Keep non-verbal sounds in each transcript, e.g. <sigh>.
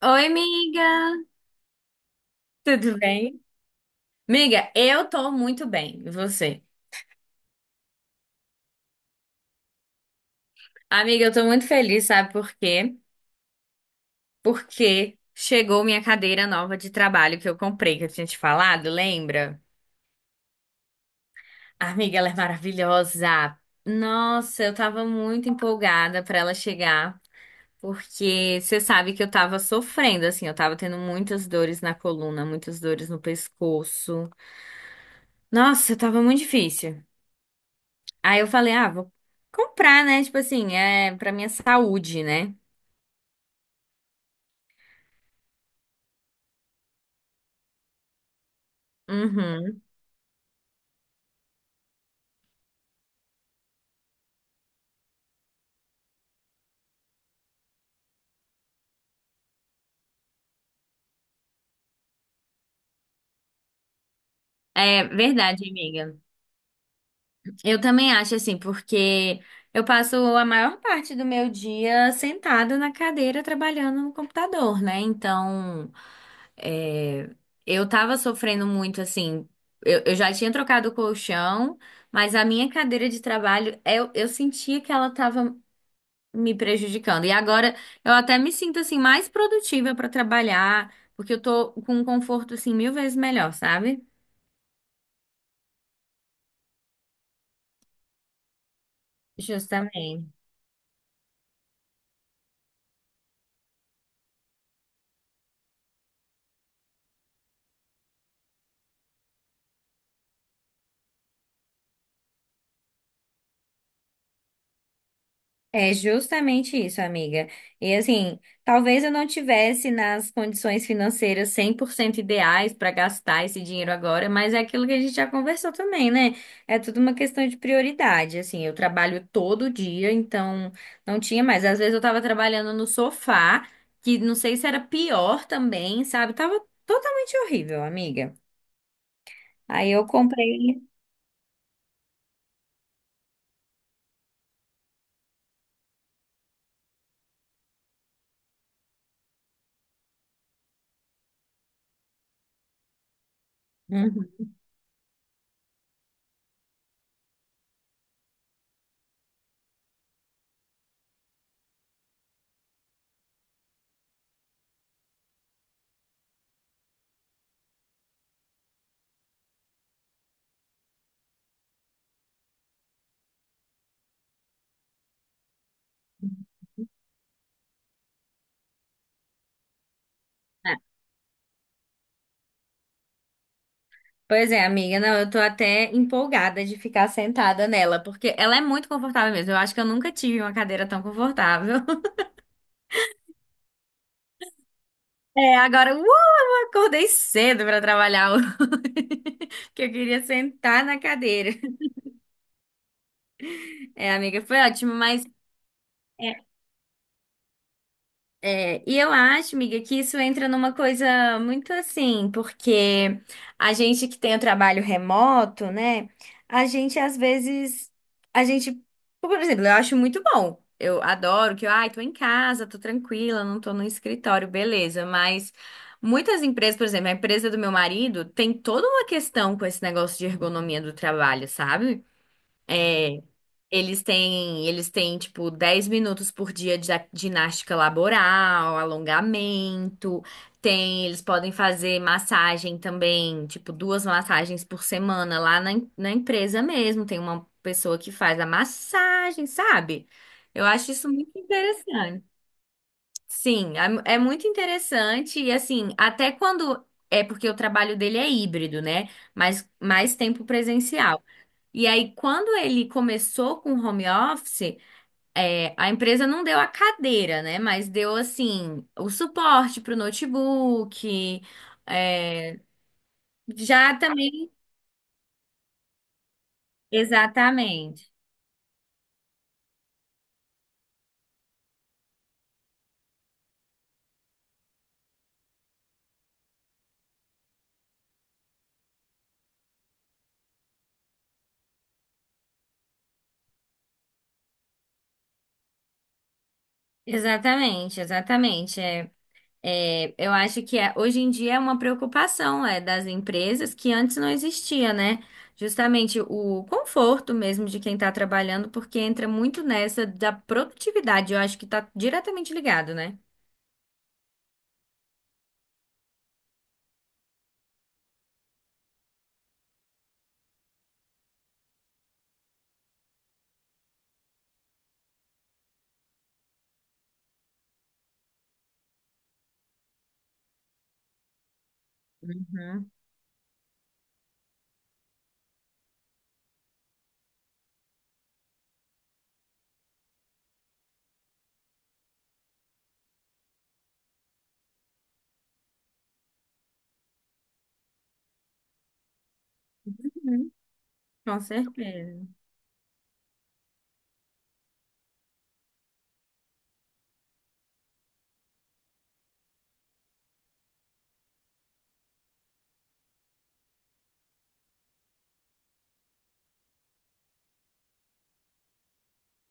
Oi, amiga! Tudo bem? Amiga, eu tô muito bem, e você? Amiga, eu tô muito feliz, sabe por quê? Porque chegou minha cadeira nova de trabalho que eu comprei, que eu tinha te falado, lembra? Amiga, ela é maravilhosa! Nossa, eu tava muito empolgada pra ela chegar, porque você sabe que eu tava sofrendo, assim, eu tava tendo muitas dores na coluna, muitas dores no pescoço. Nossa, tava muito difícil. Aí eu falei, ah, vou comprar, né? Tipo assim, é pra minha saúde, né? Uhum. É verdade, amiga. Eu também acho assim, porque eu passo a maior parte do meu dia sentada na cadeira trabalhando no computador, né? Então, é, eu tava sofrendo muito assim. Eu já tinha trocado o colchão, mas a minha cadeira de trabalho, eu sentia que ela tava me prejudicando. E agora eu até me sinto assim mais produtiva para trabalhar, porque eu tô com um conforto assim mil vezes melhor, sabe? Justamente. É justamente isso, amiga. E assim, talvez eu não tivesse nas condições financeiras 100% ideais para gastar esse dinheiro agora, mas é aquilo que a gente já conversou também, né? É tudo uma questão de prioridade. Assim, eu trabalho todo dia, então não tinha mais. Às vezes eu tava trabalhando no sofá, que não sei se era pior também, sabe? Tava totalmente horrível, amiga. Aí eu comprei. Uhum. Pois é, amiga, não, eu tô até empolgada de ficar sentada nela, porque ela é muito confortável mesmo. Eu acho que eu nunca tive uma cadeira tão confortável. <laughs> É, agora, acordei cedo pra trabalhar, hoje, <laughs> que eu queria sentar na cadeira. É, amiga, foi ótimo, mas é, é, e eu acho, amiga, que isso entra numa coisa muito assim, porque a gente que tem o trabalho remoto, né? A gente às vezes, a gente, por exemplo, eu acho muito bom. Eu adoro que eu, ai, tô em casa, tô tranquila, não tô no escritório, beleza. Mas muitas empresas, por exemplo, a empresa do meu marido tem toda uma questão com esse negócio de ergonomia do trabalho, sabe? É, eles têm, tipo, 10 minutos por dia de ginástica laboral, alongamento. Tem, eles podem fazer massagem também, tipo, duas massagens por semana lá na, na empresa mesmo. Tem uma pessoa que faz a massagem, sabe? Eu acho isso muito interessante. Sim, é, é muito interessante. E assim, até quando. É porque o trabalho dele é híbrido, né? Mas mais tempo presencial. E aí, quando ele começou com o home office, é, a empresa não deu a cadeira, né? Mas deu, assim, o suporte para o notebook. É, já também. Exatamente. Exatamente, exatamente. É, é, eu acho que hoje em dia é uma preocupação é, das empresas que antes não existia, né? Justamente o conforto mesmo de quem está trabalhando, porque entra muito nessa da produtividade. Eu acho que está diretamente ligado, né? Uhum. Hum. Com certeza.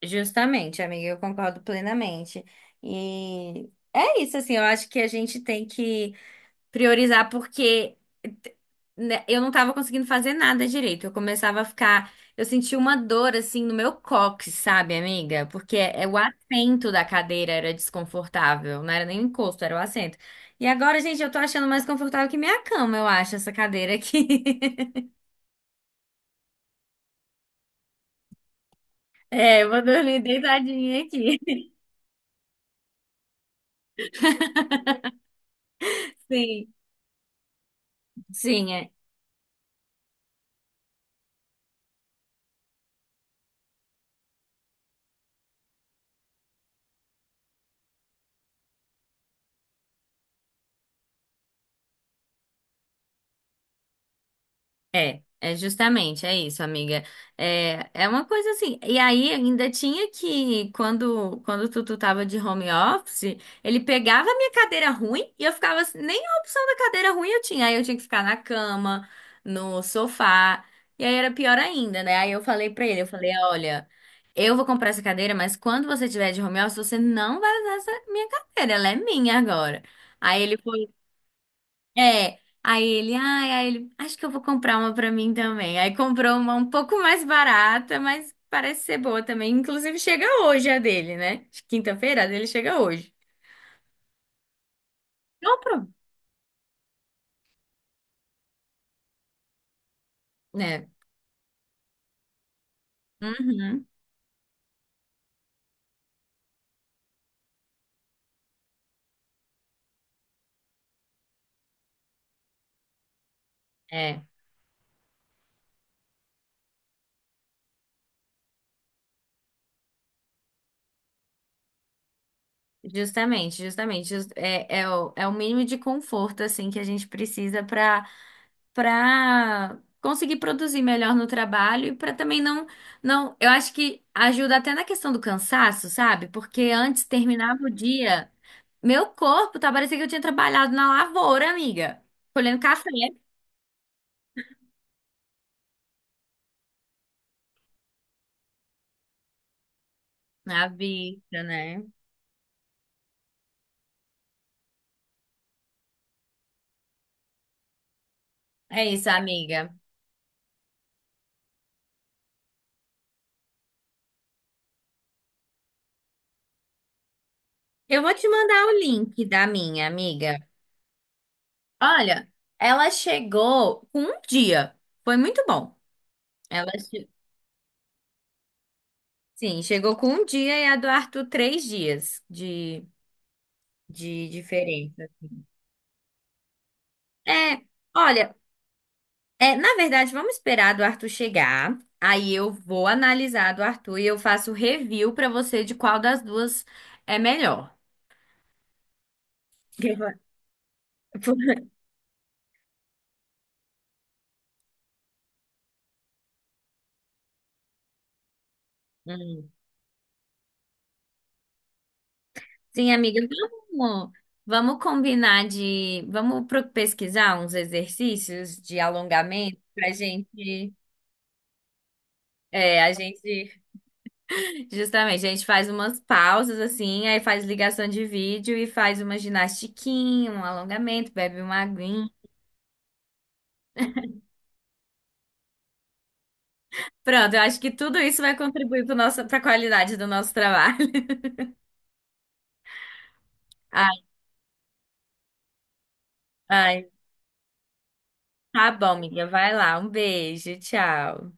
Justamente, amiga, eu concordo plenamente. E é isso, assim, eu acho que a gente tem que priorizar, porque né, eu não tava conseguindo fazer nada direito. Eu começava a ficar. Eu senti uma dor, assim, no meu cóccix, sabe, amiga? Porque é, o assento da cadeira era desconfortável, não era nem o encosto, era o assento. E agora, gente, eu tô achando mais confortável que minha cama, eu acho, essa cadeira aqui. <laughs> É, eu vou dormir deitadinha aqui. <laughs> Sim, sim, é, é, é justamente, é isso, amiga. É, é uma coisa assim. E aí ainda tinha que, quando, quando o Tutu tava de home office, ele pegava a minha cadeira ruim e eu ficava assim, nem a opção da cadeira ruim eu tinha. Aí eu tinha que ficar na cama, no sofá. E aí era pior ainda, né? Aí eu falei pra ele, eu falei, olha, eu vou comprar essa cadeira, mas quando você tiver de home office, você não vai usar essa minha cadeira, ela é minha agora. Aí ele foi é, aí ele, ai, aí ele, acho que eu vou comprar uma pra mim também. Aí comprou uma um pouco mais barata, mas parece ser boa também. Inclusive chega hoje a dele, né? Quinta-feira a dele chega hoje. Compro, né? Uhum. É, justamente, justamente. É o mínimo de conforto assim que a gente precisa para conseguir produzir melhor no trabalho e para também não, não, eu acho que ajuda até na questão do cansaço, sabe? Porque antes terminava o dia, meu corpo tá parecendo que eu tinha trabalhado na lavoura, amiga, colhendo café na vista, né? É isso, amiga. Eu vou te mandar o link da minha amiga. Olha, ela chegou com um dia. Foi muito bom. Ela, che- sim, chegou com um dia e a do Arthur 3 dias de diferença. É, olha, é, na verdade, vamos esperar do Arthur chegar. Aí eu vou analisar do Arthur e eu faço review pra você de qual das duas é melhor. Eu vou- <laughs> Hum. Sim, amiga, vamos, vamos combinar de, vamos pesquisar uns exercícios de alongamento pra gente, é, a gente, <laughs> justamente, a gente faz umas pausas assim, aí faz ligação de vídeo e faz uma ginastiquinha, um alongamento, bebe uma aguinha. Pronto, eu acho que tudo isso vai contribuir para a qualidade do nosso trabalho. <laughs> Ai, ai. Tá bom, amiga. Vai lá. Um beijo. Tchau.